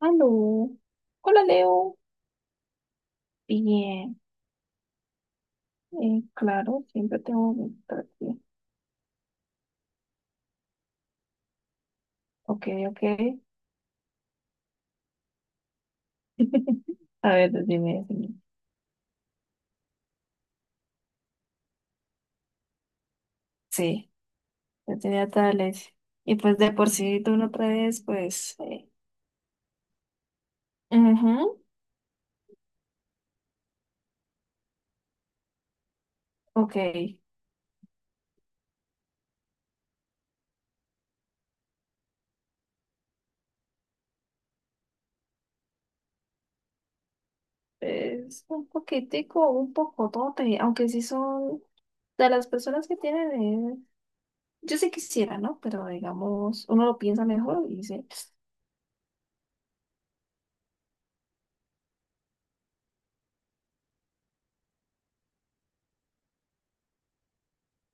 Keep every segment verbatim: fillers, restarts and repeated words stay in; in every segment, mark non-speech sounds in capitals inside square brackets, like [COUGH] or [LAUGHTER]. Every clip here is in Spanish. Aló. Hola, Leo. Bien. Eh, claro, siempre tengo que estar aquí. Ok, ok. A ver, dime, dime. Sí, yo tenía tales. Y pues de por sí tú no traes, pues. Eh. Ujú. Ok. Es un poquitico, un poco tote, aunque sí son de las personas que tienen. eh, Yo sí quisiera, ¿no? Pero digamos, uno lo piensa mejor y dice.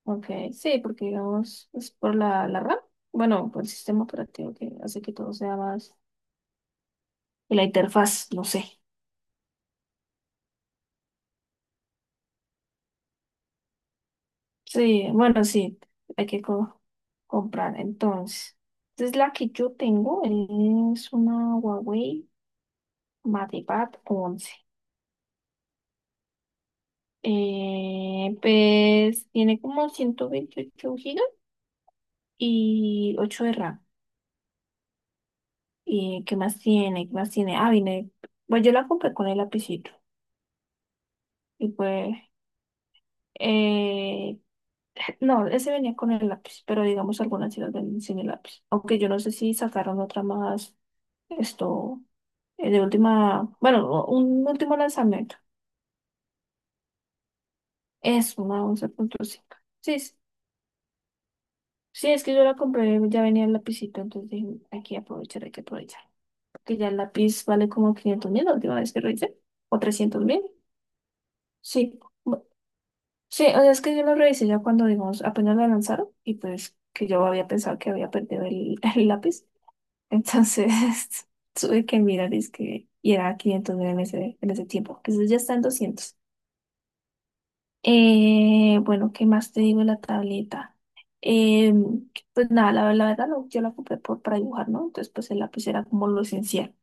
Ok, sí, porque digamos, es por la, la RAM, bueno, por el sistema operativo que hace que todo sea más, y la interfaz, no sé. Sí, bueno, sí, hay que co- comprar entonces. Entonces la que yo tengo es una Huawei MatePad once. Eh, pues tiene como ciento veintiocho gigas y ocho de RAM. ¿Y qué más tiene? ¿Qué más tiene? Ah, viene, bueno, yo la compré con el lapicito y pues. Eh, No, ese venía con el lápiz, pero digamos algunas sí las venden sin el lápiz. Aunque yo no sé si sacaron otra más, esto, eh, de última, bueno, o- un último lanzamiento. Es una once punto cinco. Sí, sí, sí, es que yo la compré, ya venía el lapicito, entonces dije, hay que aprovechar, hay que aprovechar. Porque ya el lápiz vale como quinientos mil la última vez que revisé, o trescientos mil. Sí, bu- sí, o sea, es que yo lo revisé ya cuando, digamos, apenas la lanzaron y pues que yo había pensado que había perdido el [LAUGHS] el lápiz. Entonces [LAUGHS] tuve que mirar es que, y era quinientos mil en ese, en ese tiempo. Entonces ya está en doscientos. Eh, bueno, ¿qué más te digo de la tableta? Eh, pues nada, la, la verdad lo- yo la compré por, para dibujar, ¿no? Entonces pues el lápiz era como lo esencial.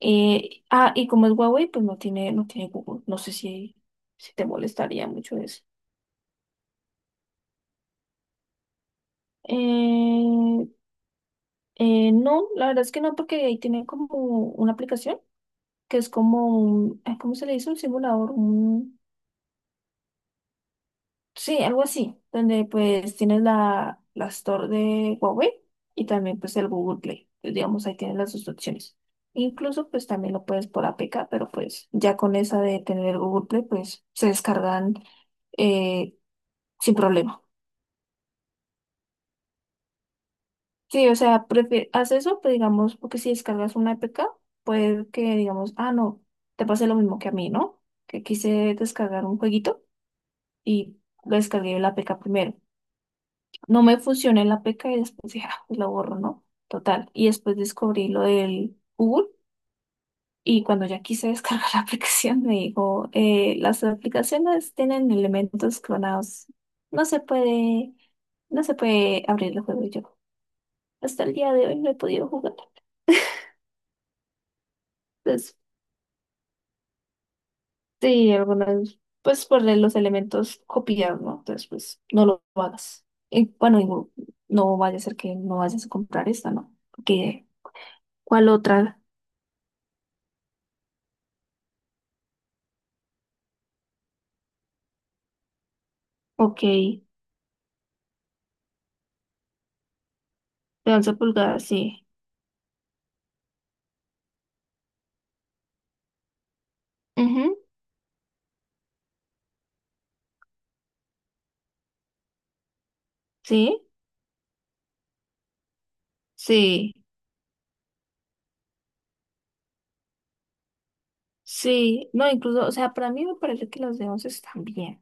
Eh, ah, y como es Huawei, pues no tiene, no tiene Google. No sé si, si te molestaría mucho eso. Eh, eh, no, la verdad es que no, porque ahí tienen como una aplicación que es como un, ay, ¿cómo se le dice? Un simulador. Sí, algo así, donde pues tienes la, la Store de Huawei y también pues el Google Play. Pues, digamos, ahí tienes las dos opciones. Incluso pues también lo puedes por A P K, pero pues ya con esa de tener el Google Play pues se descargan eh, sin problema. Sí, o sea, prefi- haz eso, pues digamos, porque si descargas una A P K, puede que digamos, ah, no, te pase lo mismo que a mí, ¿no? Que quise descargar un jueguito y lo descargué en la A P K primero. No me fusioné en la peca y después dije, ah, pues lo borro, ¿no? Total. Y después descubrí lo del Google y cuando ya quise descargar [LAUGHS] la aplicación me dijo, eh, las aplicaciones tienen elementos clonados. No se puede, no se puede abrir el juego. Y yo. Hasta el día de hoy no he podido jugar. Entonces, sí, algunas, pues por los elementos copiados, ¿no? Entonces, pues no lo hagas. Y bueno, digo, no vaya a ser que no vayas a comprar esta, ¿no? Porque, ¿cuál otra? Ok. De once pulgadas, sí. Ujú. Sí, sí, sí. No, incluso, o sea, para mí me parece que las de once están bien.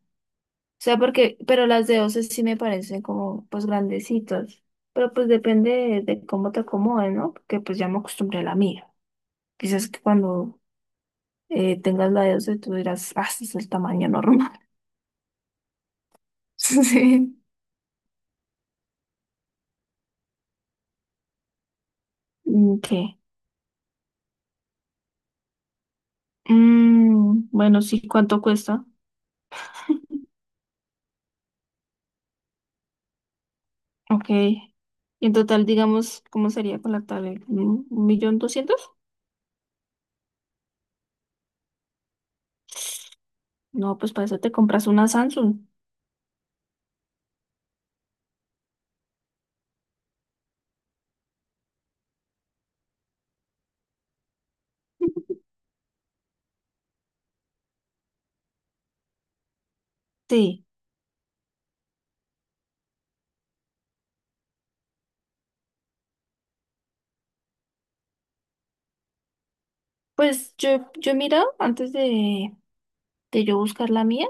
O sea, porque, pero las de once sí me parecen como, pues, grandecitas. Pero pues depende de, de cómo te acomode, ¿no? Porque pues ya me acostumbré a la mía. Quizás que cuando eh, tengas la de once tú dirás, ah, este es el tamaño normal. [LAUGHS] Sí. Mm, ¿qué? Mm, bueno, sí, ¿cuánto cuesta? Ok. Y en total, digamos, ¿cómo sería con la tablet? ¿Un un millón doscientos? No, pues para eso te compras una Samsung. [LAUGHS] Sí, pues yo, yo he mirado antes de, de yo buscar la mía,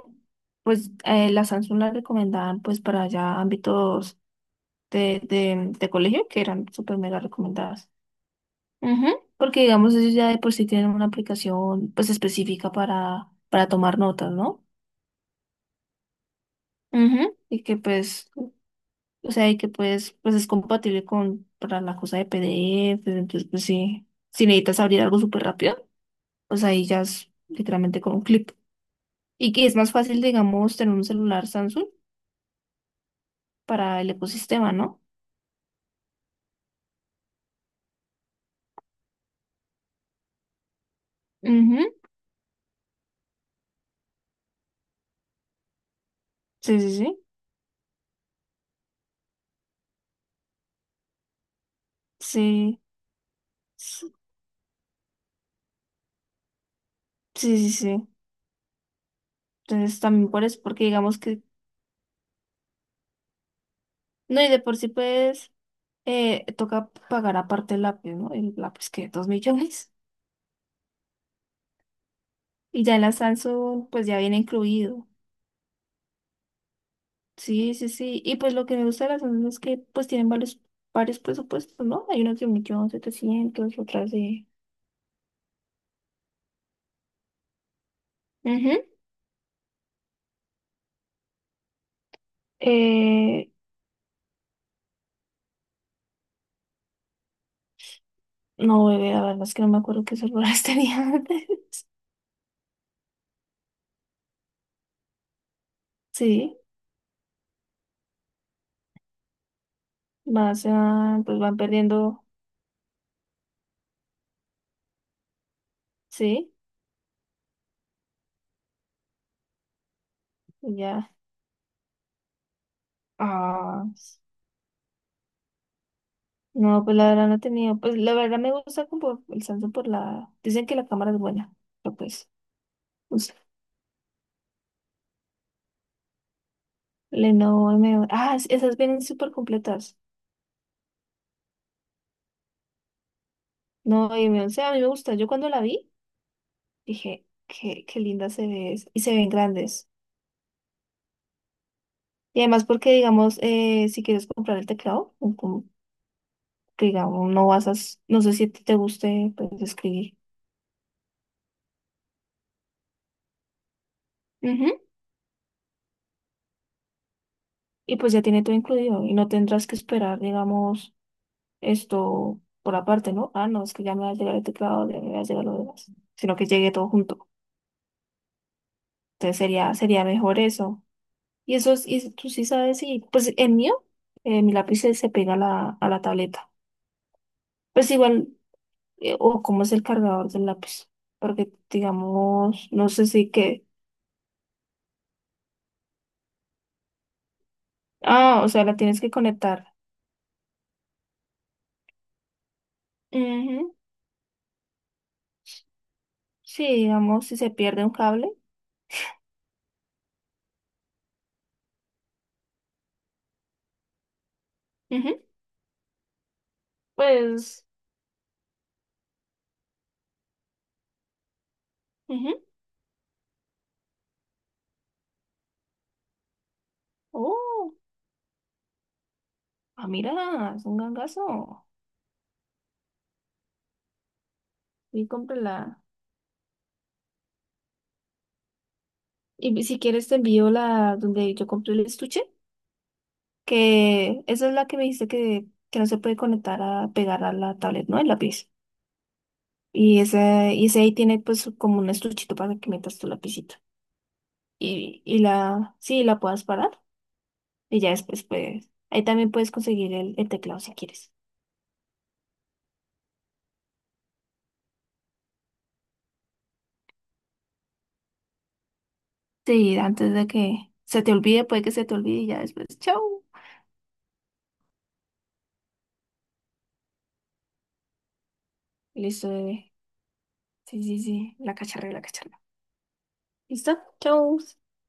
pues eh, la Samsung la recomendaban pues para ya ámbitos de, de, de colegio que eran súper mega recomendadas. Ujú. Porque digamos ellos ya de por sí tienen una aplicación pues específica para, para tomar notas, ¿no? Ujú. Y que pues, o sea, y que pues, pues es compatible con para la cosa de P D F, entonces pues sí, si necesitas abrir algo súper rápido. O sea, ahí ya es literalmente con un clip. Y que es más fácil, digamos, tener un celular Samsung para el ecosistema, ¿no? Ujú. Sí, sí, sí. Sí, sí, sí, sí. Entonces también por eso, porque digamos que, no, y de por sí pues eh, toca pagar aparte el lápiz, ¿no? El lápiz que dos millones. [LAUGHS] Y ya la Samsung pues ya viene incluido. Sí, sí, sí. Y pues lo que me gusta de las Samsung es que pues tienen varios, varios presupuestos, ¿no? Hay unos de un millón, setecientos, otras de... Ujú. Eh, No, bebé, la verdad es que no me acuerdo qué celulares [LAUGHS] tenía antes. Sí, vas a, pues van perdiendo, sí, y ya. Ah, s- no, pues la verdad no he tenido, pues la verdad me gusta como el Samsung por la, dicen que la cámara es buena, pero pues, pues Lenovo M once, ah, es- esas vienen súper completas. No, y M once a mí me gusta, yo cuando la vi dije, qué, qué linda se ve, es", y se ven grandes. Y además porque, digamos, eh, si quieres comprar el teclado, digamos, no vas a, s- no sé si a ti te guste, pues, escribir. Ujú. Y pues ya tiene todo incluido y no tendrás que esperar, digamos, esto por aparte, ¿no? Ah, no, es que ya me va a llegar el teclado, ya me va a llegar lo demás, sino que llegue todo junto. Entonces sería, sería mejor eso. Y eso es, y tú sí sabes, y pues el mío, eh, mi lápiz se se pega a la, a la tableta. Pues igual, eh, o cómo es el cargador del lápiz, porque digamos, no sé si que, ah, o sea, la tienes que conectar. Sí, digamos, si se pierde un cable, ujú, pues, ujú. Oh, ah, mira, es un gangazo. Y cómprala. Y si quieres te envío la donde yo compré el estuche, que esa es la que me dijiste que, que no se puede conectar a pegar a la tablet, ¿no? El lápiz. Y ese, y ese ahí tiene pues como un estuchito para que metas tu lapicito. Y, y la, sí, la puedas parar. Y ya después, pues, ahí también puedes conseguir el, el teclado si quieres. Sí, antes de que se te olvide, puede que se te olvide y ya después, chau. Listo, bebé. Sí, sí, sí, la cacharré, la cacharré. ¿Listo? Chau.